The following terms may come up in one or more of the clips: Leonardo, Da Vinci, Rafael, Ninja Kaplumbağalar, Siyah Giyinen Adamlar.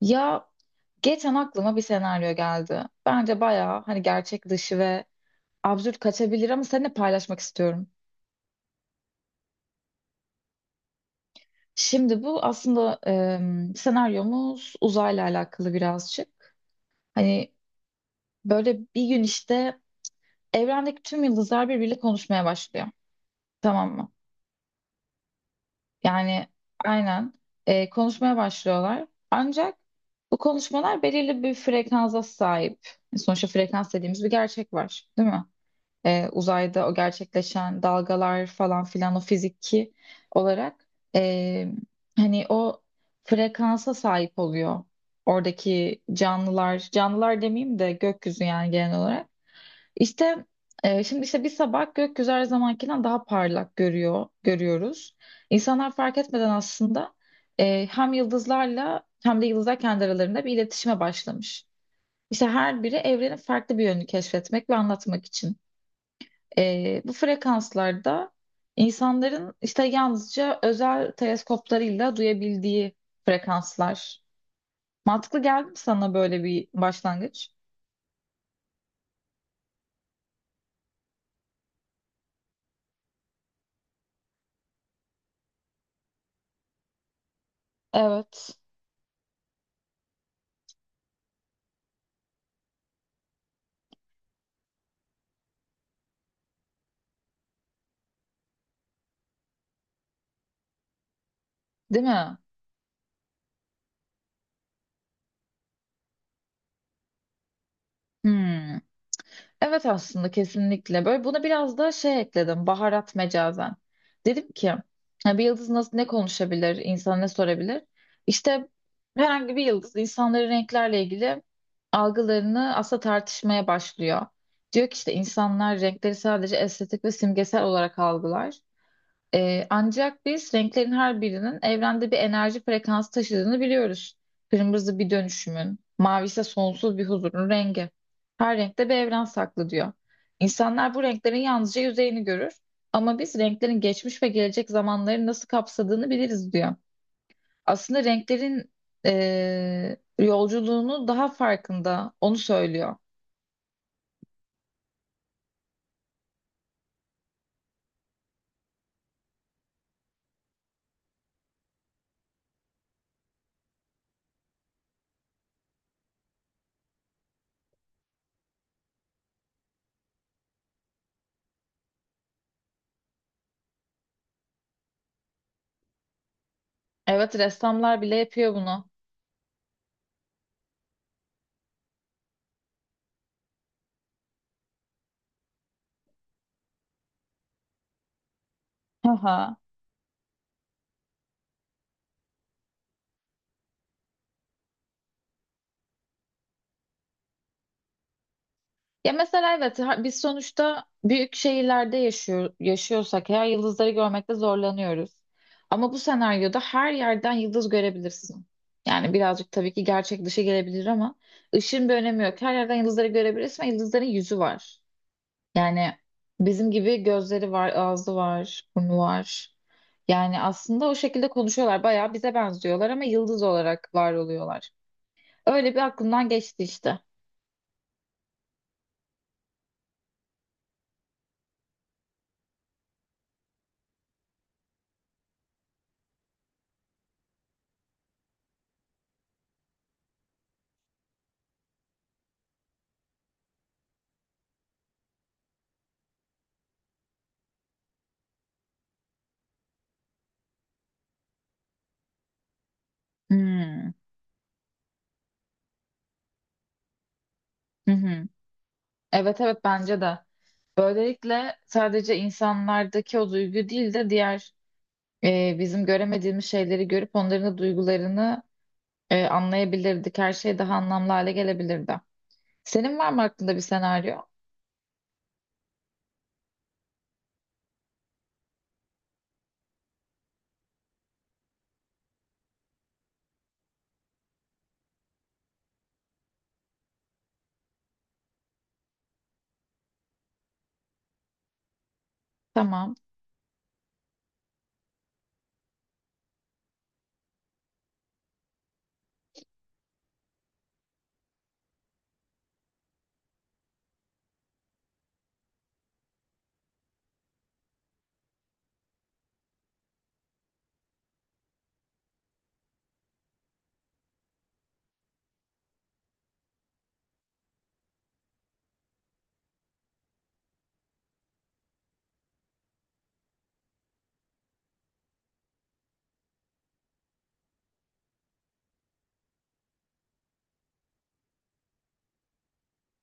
Ya geçen aklıma bir senaryo geldi. Bence bayağı hani gerçek dışı ve absürt kaçabilir ama seninle paylaşmak istiyorum. Şimdi bu aslında senaryomuz uzayla alakalı birazcık. Hani böyle bir gün işte evrendeki tüm yıldızlar birbiriyle konuşmaya başlıyor. Tamam mı? Yani aynen konuşmaya başlıyorlar. Ancak bu konuşmalar belirli bir frekansa sahip. Sonuçta frekans dediğimiz bir gerçek var, değil mi? Uzayda o gerçekleşen dalgalar falan filan o fiziki olarak e, hani o frekansa sahip oluyor oradaki canlılar demeyeyim de gökyüzü yani genel olarak işte şimdi işte bir sabah gökyüzü her zamankinden daha parlak görüyoruz. İnsanlar fark etmeden aslında hem yıldızlarla hem de yıldızlar kendi aralarında bir iletişime başlamış. İşte her biri evrenin farklı bir yönünü keşfetmek ve anlatmak için. Bu frekanslarda insanların işte yalnızca özel teleskoplarıyla duyabildiği frekanslar. Mantıklı geldi mi sana böyle bir başlangıç? Evet. Değil mi? Hmm. Evet aslında kesinlikle. Böyle buna biraz da şey ekledim. Baharat mecazen. Dedim ki: "Ya bir yıldız nasıl ne konuşabilir? İnsan ne sorabilir? İşte herhangi bir yıldız insanların renklerle ilgili algılarını aslında tartışmaya başlıyor. Diyor ki işte insanlar renkleri sadece estetik ve simgesel olarak algılar. Ancak biz renklerin her birinin evrende bir enerji frekansı taşıdığını biliyoruz. Kırmızı bir dönüşümün, mavi ise sonsuz bir huzurun rengi. Her renkte bir evren saklı diyor. İnsanlar bu renklerin yalnızca yüzeyini görür ama biz renklerin geçmiş ve gelecek zamanları nasıl kapsadığını biliriz diyor. Aslında renklerin eee, yolculuğunu daha farkında, onu söylüyor. Evet, ressamlar bile yapıyor bunu. Haha. Ya mesela evet biz sonuçta büyük şehirlerde yaşıyor, yaşıyorsak eğer yıldızları görmekte zorlanıyoruz. Ama bu senaryoda her yerden yıldız görebilirsin. Yani birazcık tabii ki gerçek dışı gelebilir ama ışığın bir önemi yok. Her yerden yıldızları görebilirsin ve yıldızların yüzü var. Yani bizim gibi gözleri var, ağzı var, burnu var. Yani aslında o şekilde konuşuyorlar. Bayağı bize benziyorlar ama yıldız olarak var oluyorlar. Öyle bir aklımdan geçti işte. Hmm. Hı hı. Evet evet bence de. Böylelikle sadece insanlardaki o duygu değil de diğer bizim göremediğimiz şeyleri görüp onların da duygularını anlayabilirdik. Her şey daha anlamlı hale gelebilirdi. Senin var mı aklında bir senaryo? Tamam.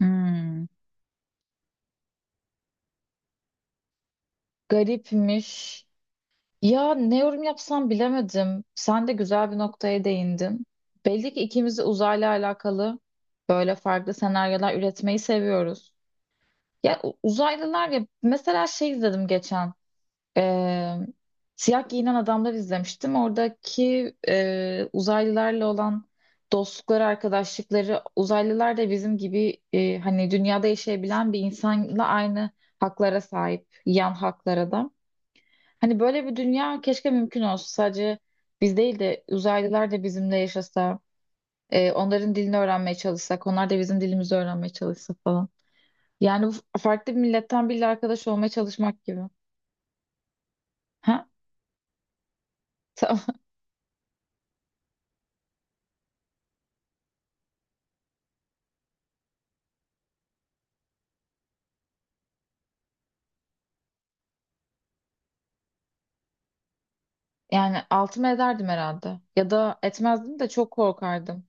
Hmm, garipmiş. Ya ne yorum yapsam bilemedim. Sen de güzel bir noktaya değindin. Belli ki ikimiz de uzayla alakalı böyle farklı senaryolar üretmeyi seviyoruz. Ya uzaylılar ya mesela şey izledim geçen. Ee, Siyah Giyinen Adamlar izlemiştim. Oradaki uzaylılarla olan dostlukları, arkadaşlıkları, uzaylılar da bizim gibi hani dünyada yaşayabilen bir insanla aynı haklara sahip, yan haklara da. Hani böyle bir dünya keşke mümkün olsa. Sadece biz değil de uzaylılar da bizimle yaşasa, onların dilini öğrenmeye çalışsak, onlar da bizim dilimizi öğrenmeye çalışsa falan. Yani bu farklı bir milletten biriyle arkadaş olmaya çalışmak gibi. Ha? Tamam. Yani altımı ederdim herhalde. Ya da etmezdim de çok korkardım.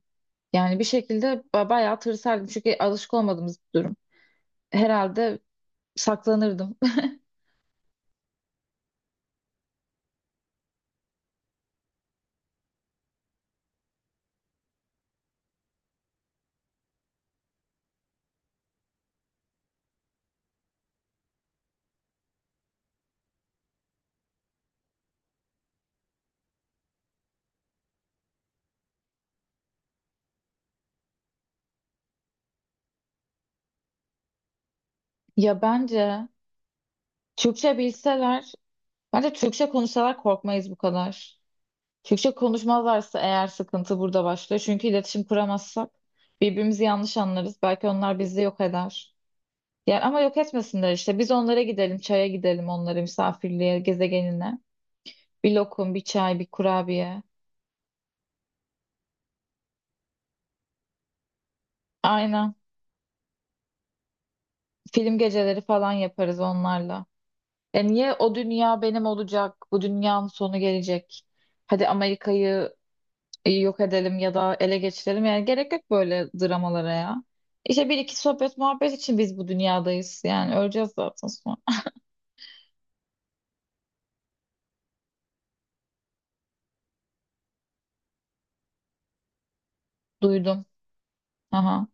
Yani bir şekilde bayağı tırsardım. Çünkü alışık olmadığımız bir durum. Herhalde saklanırdım. Ya bence Türkçe bilseler, bence Türkçe konuşsalar korkmayız bu kadar. Türkçe konuşmazlarsa eğer sıkıntı burada başlıyor. Çünkü iletişim kuramazsak birbirimizi yanlış anlarız. Belki onlar bizi yok eder. Yani ama yok etmesinler işte. Biz onlara gidelim, çaya gidelim onlara misafirliğe, gezegenine. Bir lokum, bir çay, bir kurabiye. Aynen. Film geceleri falan yaparız onlarla. E niye o dünya benim olacak? Bu dünyanın sonu gelecek. Hadi Amerika'yı yok edelim ya da ele geçirelim. Yani gerek yok böyle dramalara ya. İşte bir iki sohbet muhabbet için biz bu dünyadayız. Yani öleceğiz zaten sonra. Duydum. Aha.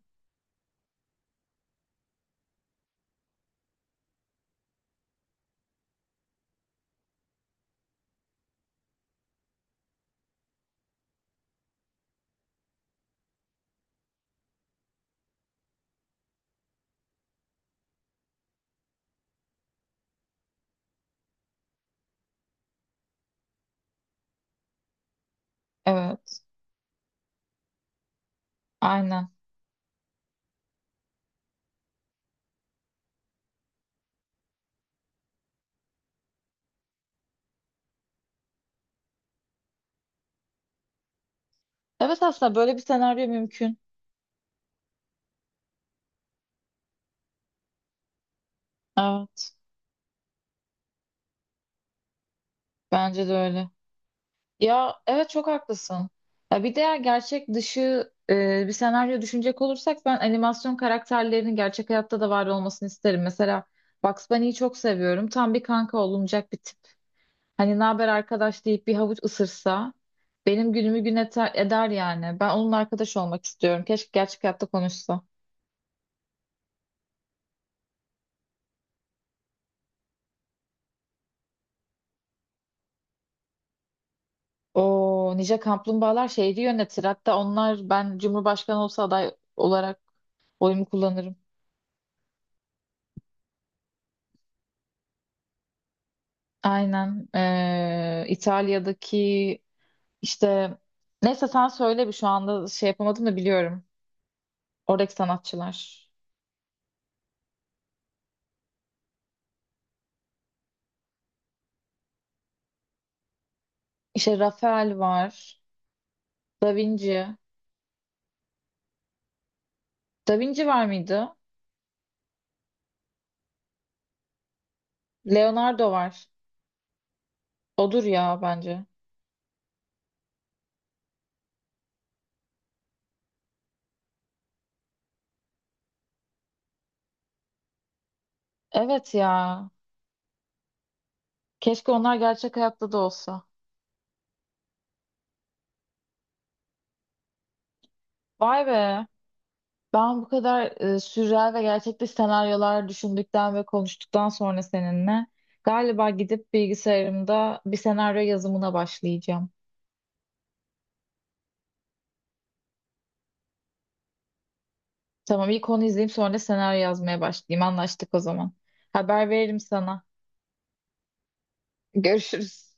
Evet. Aynen. Evet aslında böyle bir senaryo mümkün. Evet. Bence de öyle. Ya evet çok haklısın. Ya bir de gerçek dışı bir senaryo düşünecek olursak ben animasyon karakterlerinin gerçek hayatta da var olmasını isterim. Mesela Bugs Bunny'yi çok seviyorum. Tam bir kanka olunacak bir tip. Hani ne haber arkadaş deyip bir havuç ısırsa benim günümü gün eder yani. Ben onun arkadaş olmak istiyorum. Keşke gerçek hayatta konuşsa. O Ninja Kaplumbağalar şehri yönetir. Hatta onlar ben Cumhurbaşkanı olsa aday olarak oyumu kullanırım. Aynen. İtalya'daki işte neyse sen söyle bir şu anda şey yapamadım da biliyorum. Oradaki sanatçılar. İşte Rafael var. Da Vinci. Da Vinci var mıydı? Leonardo var. Odur ya bence. Evet ya. Keşke onlar gerçek hayatta da olsa. Vay be. Ben bu kadar sürreal ve gerçekçi senaryolar düşündükten ve konuştuktan sonra seninle galiba gidip bilgisayarımda bir senaryo yazımına başlayacağım. Tamam ilk onu izleyeyim sonra da senaryo yazmaya başlayayım. Anlaştık o zaman. Haber veririm sana. Görüşürüz.